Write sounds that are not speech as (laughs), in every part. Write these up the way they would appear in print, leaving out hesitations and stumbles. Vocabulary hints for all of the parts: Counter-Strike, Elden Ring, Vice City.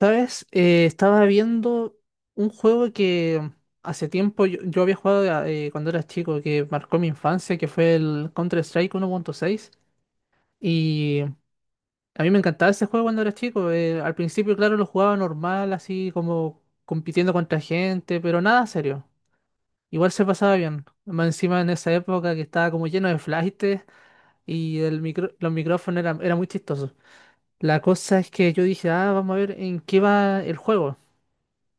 ¿Sabes? Estaba viendo un juego que hace tiempo yo había jugado cuando era chico, que marcó mi infancia, que fue el Counter-Strike 1.6. Y a mí me encantaba ese juego cuando era chico. Al principio, claro, lo jugaba normal, así como compitiendo contra gente, pero nada serio. Igual se pasaba bien. Más encima en esa época que estaba como lleno de flashtes y los micrófonos eran, era muy chistosos. La cosa es que yo dije, ah, vamos a ver en qué va el juego.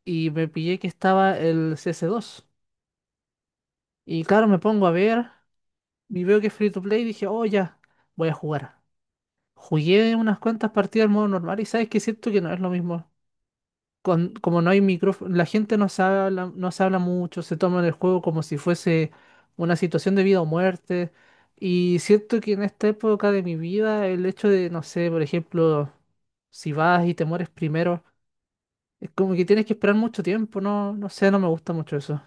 Y me pillé que estaba el CS2. Y claro, me pongo a ver y veo que es free to play y dije, oh, ya, voy a jugar. Jugué unas cuantas partidas en modo normal y sabes que siento que no es lo mismo. Como no hay micrófono, la gente no se habla, no se habla mucho, se toma el juego como si fuese una situación de vida o muerte. Y siento que en esta época de mi vida, el hecho de, no sé, por ejemplo, si vas y te mueres primero. Es como que tienes que esperar mucho tiempo, no, no sé, no me gusta mucho eso.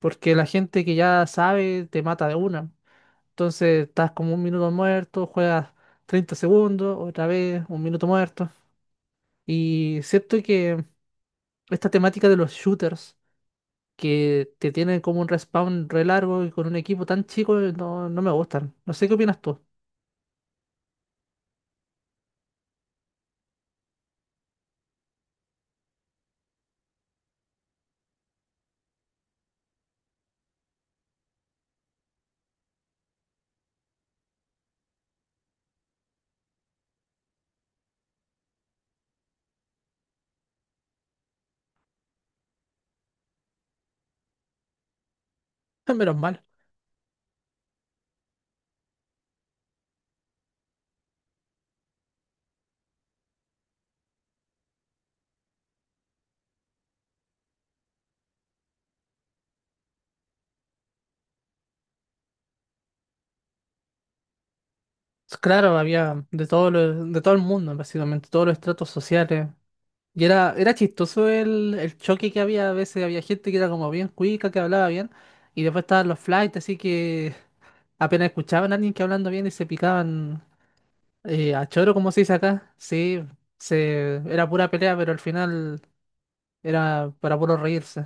Porque la gente que ya sabe te mata de una. Entonces estás como un minuto muerto, juegas 30 segundos, otra vez un minuto muerto. Y siento que esta temática de los shooters, que te tienen como un respawn re largo y con un equipo tan chico, no, no me gustan. No sé qué opinas tú. (laughs) Menos mal. Claro, había de todo de todo el mundo, básicamente, todos los estratos sociales. Y era chistoso el choque que había. A veces había gente que era como bien cuica, que hablaba bien. Y después estaban los flights, así que apenas escuchaban a alguien que hablando bien y se picaban a choro, como se dice acá. Sí, era pura pelea, pero al final era para puro reírse.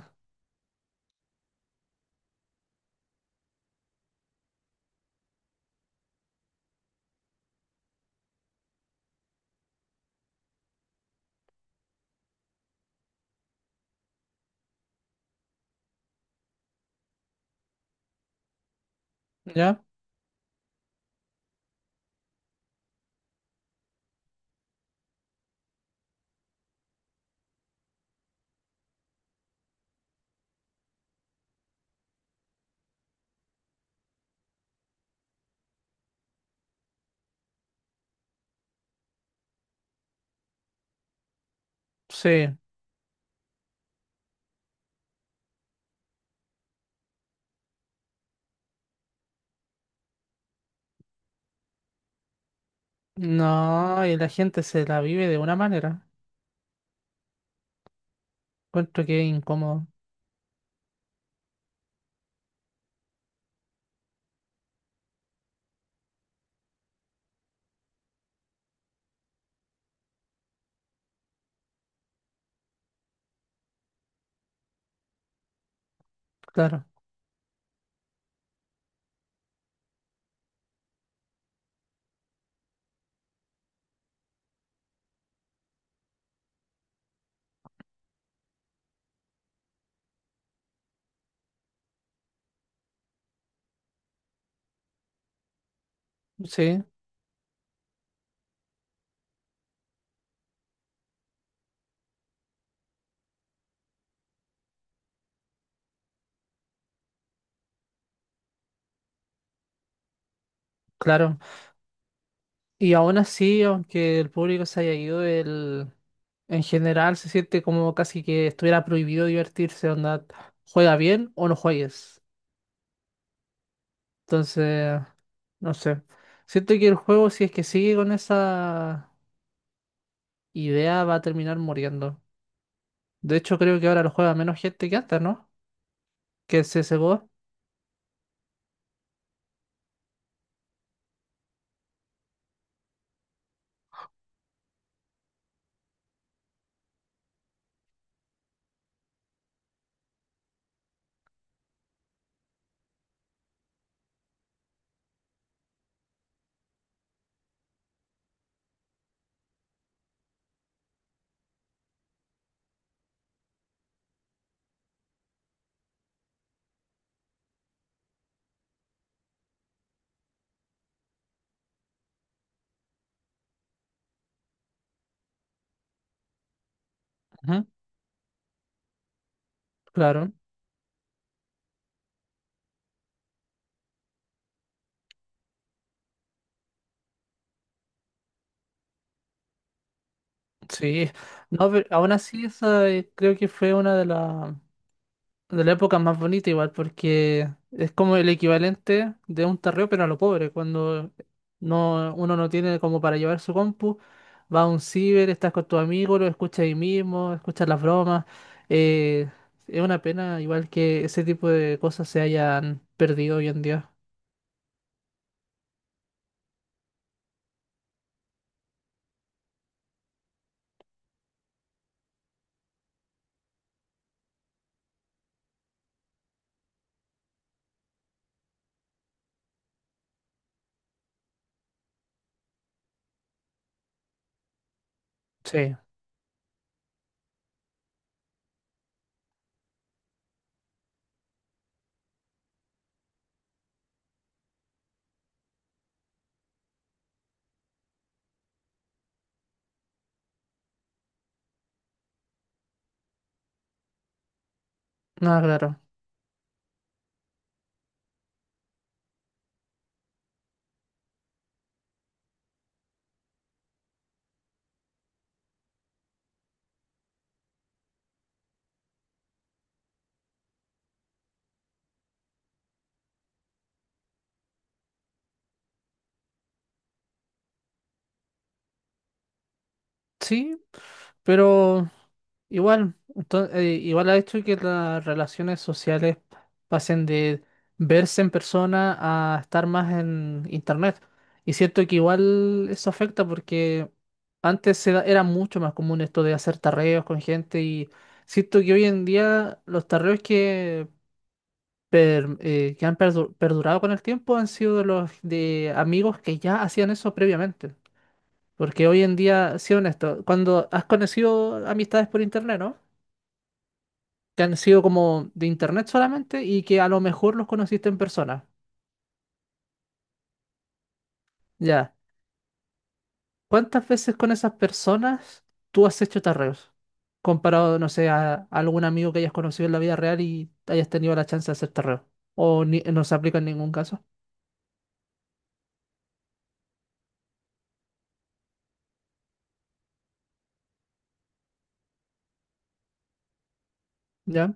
¿Ya? Sí. No, y la gente se la vive de una manera. Encuentro que es incómodo. Claro. Sí, claro. Y aún así, aunque el público se haya ido, el, en general se siente como casi que estuviera prohibido divertirse, onda, juega bien o no juegues. Entonces, no sé. Siento que el juego, si es que sigue con esa idea, va a terminar muriendo. De hecho, creo que ahora lo juega menos gente que antes, ¿no? Que el CSGO. Ujú. Claro. Sí. No, pero aún así, esa creo que fue una de las. De la época más bonita igual, porque es como el equivalente de un tarreo, pero a lo pobre, cuando no, uno no tiene como para llevar su compu, va a un ciber, estás con tus amigos, lo escuchas ahí mismo, escuchas las bromas. eh, es una pena igual que ese tipo de cosas se hayan perdido hoy en día. Sí, nada, claro. Sí, pero igual, igual ha hecho que las relaciones sociales pasen de verse en persona a estar más en internet. Y siento que igual eso afecta porque antes era mucho más común esto de hacer tarreos con gente y siento que hoy en día los tarreos que, que han perdurado con el tiempo han sido de los de amigos que ya hacían eso previamente. Porque hoy en día, sí honesto, cuando has conocido amistades por internet, ¿no? Que han sido como de internet solamente y que a lo mejor los conociste en persona. Ya. ¿Cuántas veces con esas personas tú has hecho tarreos? Comparado, no sé, a algún amigo que hayas conocido en la vida real y hayas tenido la chance de hacer tarreo. O no se aplica en ningún caso. ¿Ya?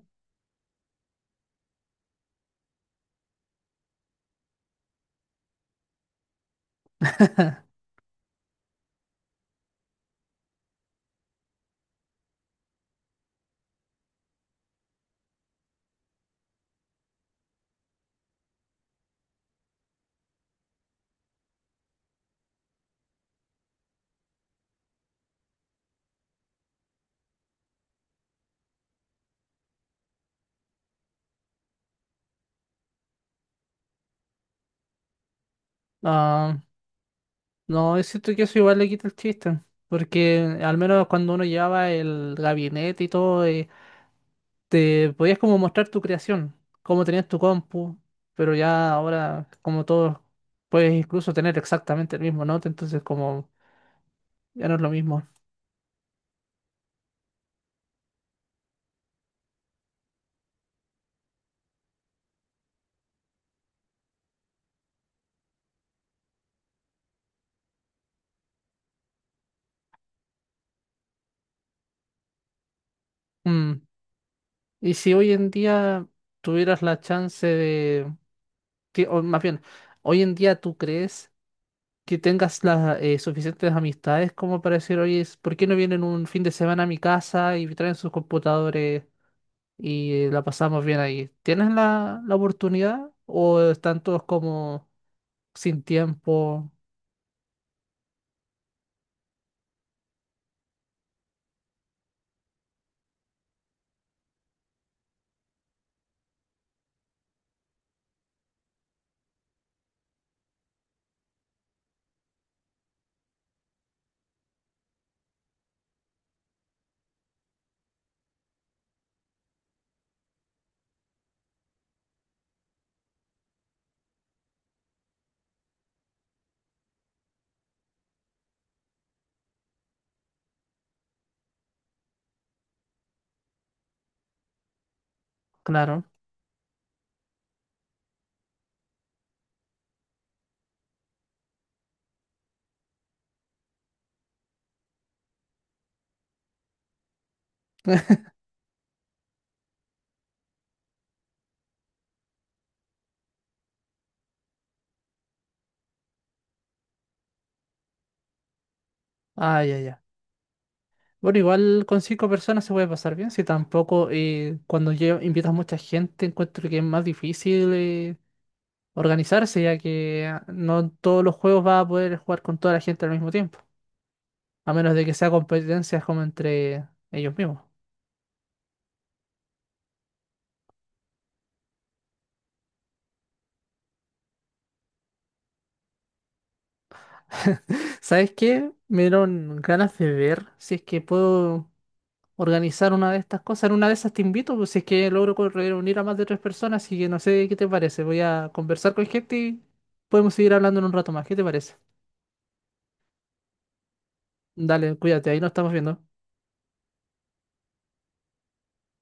(laughs) Ah, no, es cierto que eso igual le quita el chiste. Porque al menos cuando uno llevaba el gabinete y todo, te podías como mostrar tu creación, cómo tenías tu compu, pero ya ahora como todos puedes incluso tener exactamente el mismo note, entonces como ya no es lo mismo. Mm. Y si hoy en día tuvieras la chance de, o más bien, hoy en día tú crees que tengas las suficientes amistades como para decir, oye, ¿por qué no vienen un fin de semana a mi casa y traen sus computadores? Y la pasamos bien ahí. ¿Tienes la oportunidad o están todos como sin tiempo, claro. Ah, ya, ya. Bueno, igual con cinco personas se puede pasar bien, si tampoco cuando invitas mucha gente encuentro que es más difícil organizarse, ya que ah, no todos los juegos vas a poder jugar con toda la gente al mismo tiempo, a menos de que sea competencias como entre ellos mismos. (laughs) ¿Sabes qué? Me dieron ganas de ver si es que puedo organizar una de estas cosas. En una de esas te invito, pues si es que logro reunir a más de tres personas, así que no sé qué te parece. Voy a conversar con gente y podemos seguir hablando en un rato más. ¿Qué te parece? Dale, cuídate, ahí nos estamos viendo.